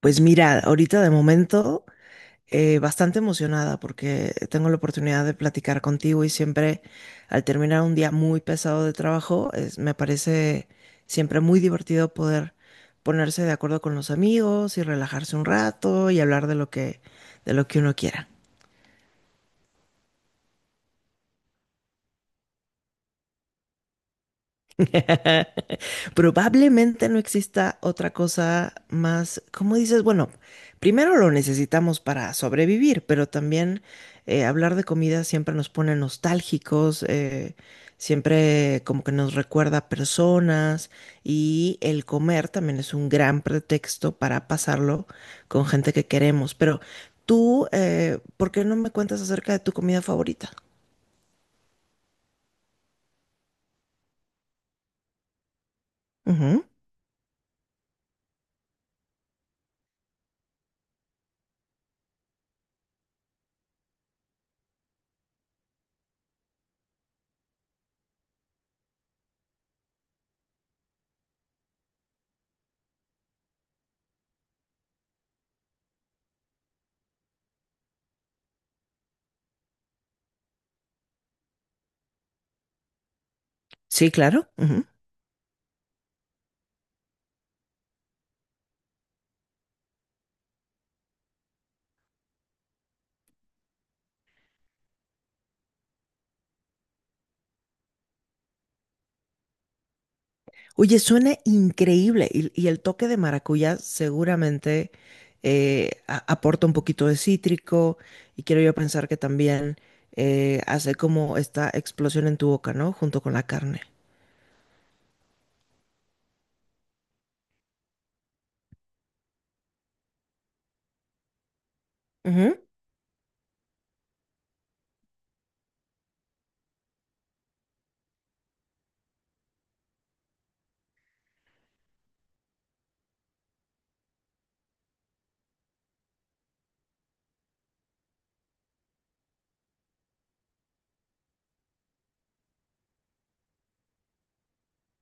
Pues mira, ahorita de momento bastante emocionada porque tengo la oportunidad de platicar contigo y siempre al terminar un día muy pesado de trabajo, me parece siempre muy divertido poder ponerse de acuerdo con los amigos y relajarse un rato y hablar de lo que uno quiera. Probablemente no exista otra cosa más, como dices, bueno, primero lo necesitamos para sobrevivir, pero también hablar de comida siempre nos pone nostálgicos, siempre como que nos recuerda a personas y el comer también es un gran pretexto para pasarlo con gente que queremos. Pero tú, ¿por qué no me cuentas acerca de tu comida favorita? Ujú. Sí, claro. Oye, suena increíble y el toque de maracuyá seguramente aporta un poquito de cítrico y quiero yo pensar que también hace como esta explosión en tu boca, ¿no? Junto con la carne. Ujú.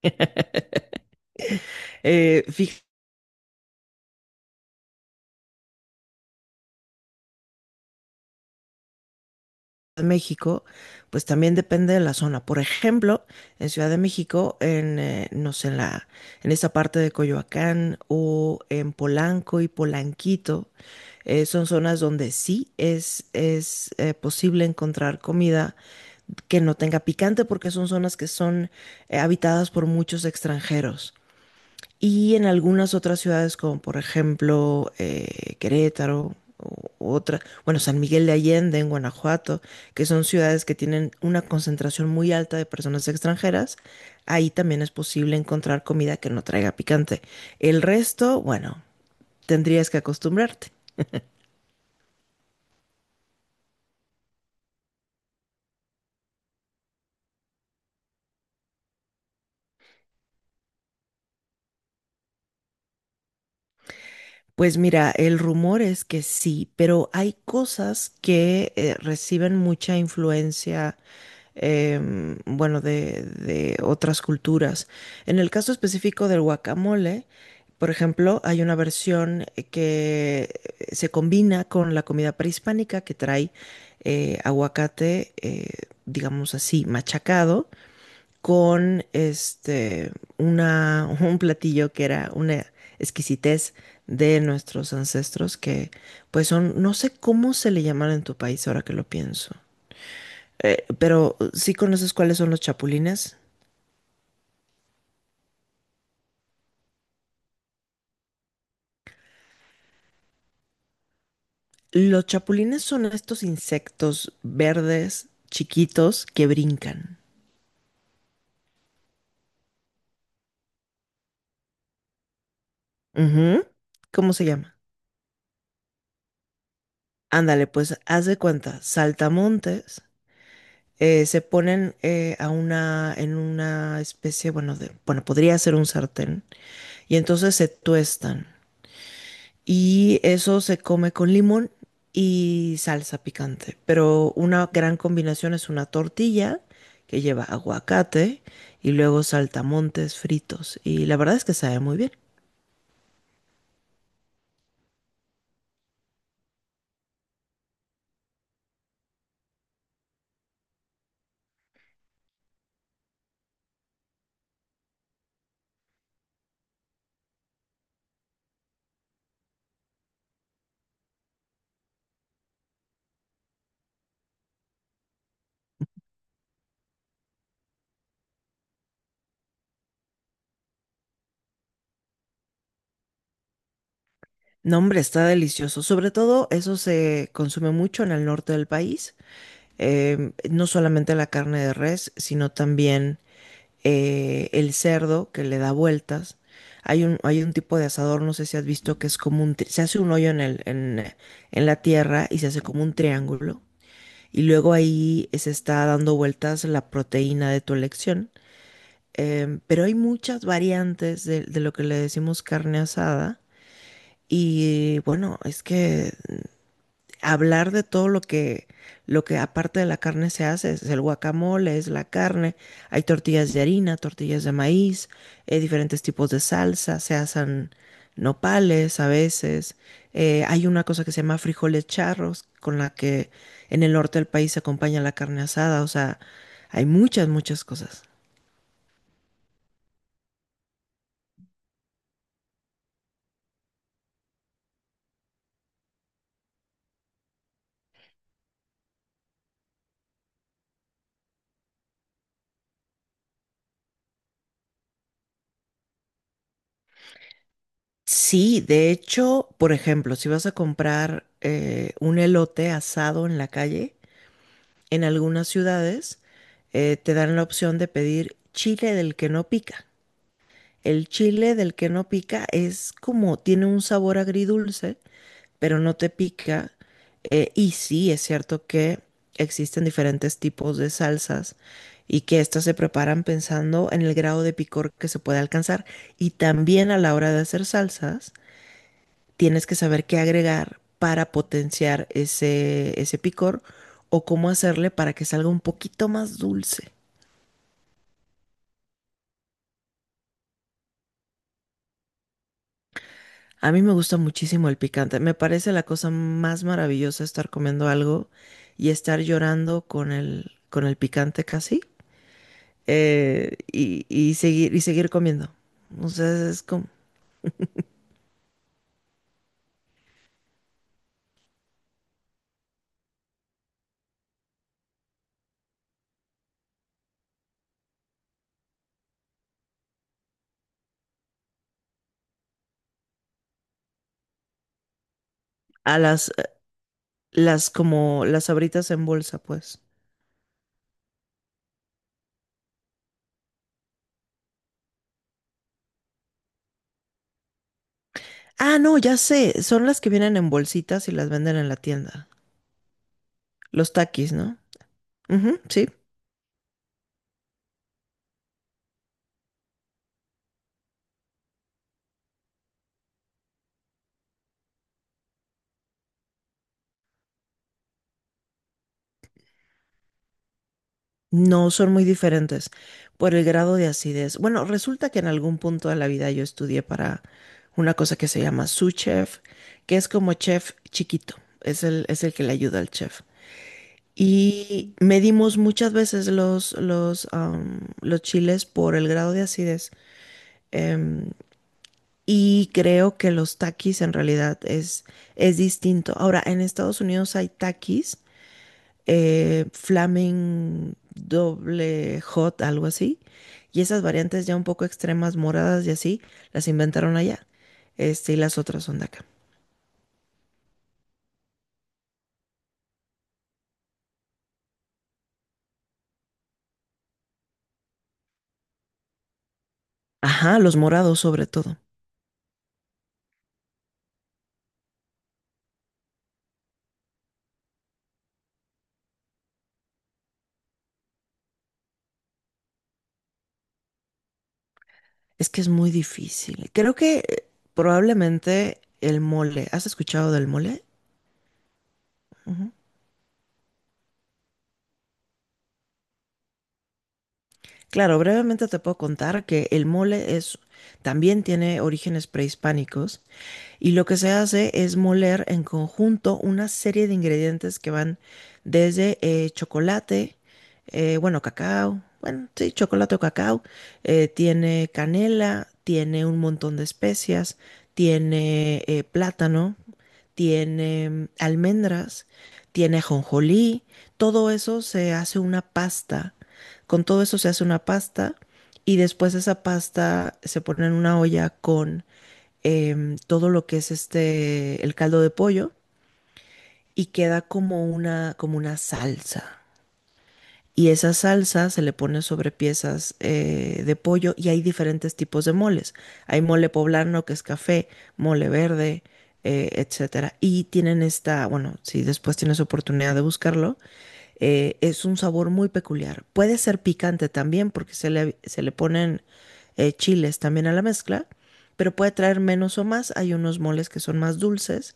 Fíjate, en México, pues también depende de la zona. Por ejemplo, en Ciudad de México, no sé, en esa parte de Coyoacán o en Polanco y Polanquito. Son zonas donde es posible encontrar comida que no tenga picante porque son zonas que son habitadas por muchos extranjeros. Y en algunas otras ciudades como por ejemplo Querétaro o u otra, bueno, San Miguel de Allende en Guanajuato, que son ciudades que tienen una concentración muy alta de personas extranjeras, ahí también es posible encontrar comida que no traiga picante. El resto, bueno, tendrías que acostumbrarte. Pues mira, el rumor es que sí, pero hay cosas que reciben mucha influencia, bueno, de otras culturas. En el caso específico del guacamole, por ejemplo, hay una versión que se combina con la comida prehispánica que trae aguacate, digamos así, machacado con este, un platillo que era una exquisitez de nuestros ancestros que pues son, no sé cómo se le llaman en tu país ahora que lo pienso. Pero sí conoces cuáles son los chapulines. Los chapulines son estos insectos verdes chiquitos que brincan. Ujú. ¿Cómo se llama? Ándale, pues haz de cuenta, saltamontes se ponen en una especie, bueno, bueno, podría ser un sartén, y entonces se tuestan. Y eso se come con limón y salsa picante. Pero una gran combinación es una tortilla que lleva aguacate y luego saltamontes fritos. Y la verdad es que sabe muy bien. No, hombre, está delicioso. Sobre todo eso se consume mucho en el norte del país. No solamente la carne de res, sino también el cerdo que le da vueltas. Hay un tipo de asador, no sé si has visto, que es como un... Se hace un hoyo en en la tierra y se hace como un triángulo. Y luego ahí se está dando vueltas la proteína de tu elección. Pero hay muchas variantes de lo que le decimos carne asada y bueno, es que hablar de todo lo lo que aparte de la carne se hace, es el guacamole, es la carne, hay tortillas de harina, tortillas de maíz, diferentes tipos de salsa, se hacen nopales a veces, hay una cosa que se llama frijoles charros, con la que en el norte del país se acompaña la carne asada, o sea, hay muchas cosas. Sí, de hecho, por ejemplo, si vas a comprar un elote asado en la calle, en algunas ciudades te dan la opción de pedir chile del que no pica. El chile del que no pica es como, tiene un sabor agridulce, pero no te pica. Y sí, es cierto que existen diferentes tipos de salsas y que estas se preparan pensando en el grado de picor que se puede alcanzar. Y también a la hora de hacer salsas tienes que saber qué agregar para potenciar ese picor o cómo hacerle para que salga un poquito más dulce. A mí me gusta muchísimo el picante. Me parece la cosa más maravillosa estar comiendo algo y estar llorando con con el picante casi y seguir comiendo. O sea, es como a las como las abritas en bolsa, pues. Ah, no, ya sé, son las que vienen en bolsitas y las venden en la tienda. Los takis, ¿no? Ujú, sí, no son muy diferentes por el grado de acidez. Bueno, resulta que en algún punto de la vida yo estudié para una cosa que se llama sous chef, que es como chef chiquito, es es el que le ayuda al chef. Y medimos muchas veces los chiles por el grado de acidez. em, y creo que los takis en realidad es distinto. Ahora, en Estados Unidos hay takis Flamen doble hot, algo así. Y esas variantes ya un poco extremas, moradas y así, las inventaron allá. Este, y las otras son de acá. Ajá, los morados sobre todo. Es que es muy difícil. Creo que probablemente el mole. ¿Has escuchado del mole? Ujú. Claro, brevemente te puedo contar que el mole es también tiene orígenes prehispánicos. Y lo que se hace es moler en conjunto una serie de ingredientes que van desde chocolate, bueno, cacao, bueno, sí, chocolate o cacao, tiene canela, tiene un montón de especias, tiene plátano, tiene almendras, tiene ajonjolí, todo eso se hace una pasta. Con todo eso se hace una pasta y después esa pasta se pone en una olla con todo lo que es este, el caldo de pollo y queda como una salsa y esa salsa se le pone sobre piezas de pollo y hay diferentes tipos de moles. Hay mole poblano que es café, mole verde, etcétera. Y tienen esta, bueno, si después tienes oportunidad de buscarlo, es un sabor muy peculiar. Puede ser picante también porque se se le ponen chiles también a la mezcla, pero puede traer menos o más. Hay unos moles que son más dulces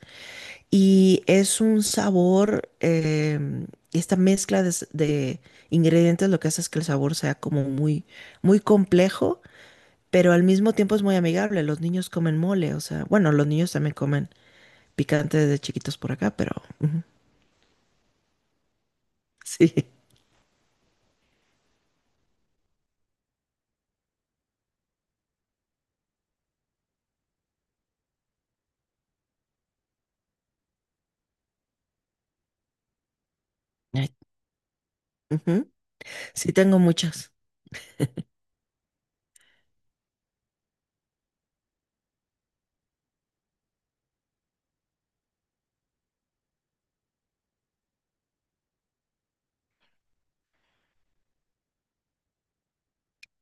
y es un sabor, esta mezcla de ingredientes lo que hace es que el sabor sea como muy complejo, pero al mismo tiempo es muy amigable. Los niños comen mole, o sea, bueno, los niños también comen picante desde chiquitos por acá, pero ujú, sí, Ay, ujú, sí tengo muchas.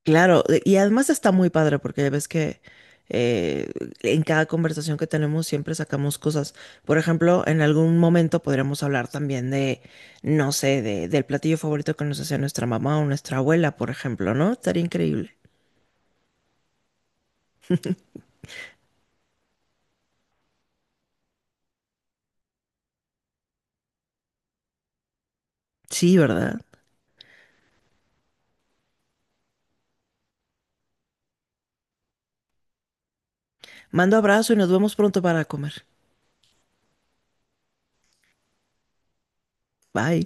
Claro, y además está muy padre porque ves que eh, en cada conversación que tenemos siempre sacamos cosas. Por ejemplo, en algún momento podríamos hablar también no sé, del platillo favorito que nos hacía nuestra mamá o nuestra abuela, por ejemplo, ¿no? Estaría increíble. Sí, ¿verdad? Mando abrazo y nos vemos pronto para comer. Bye.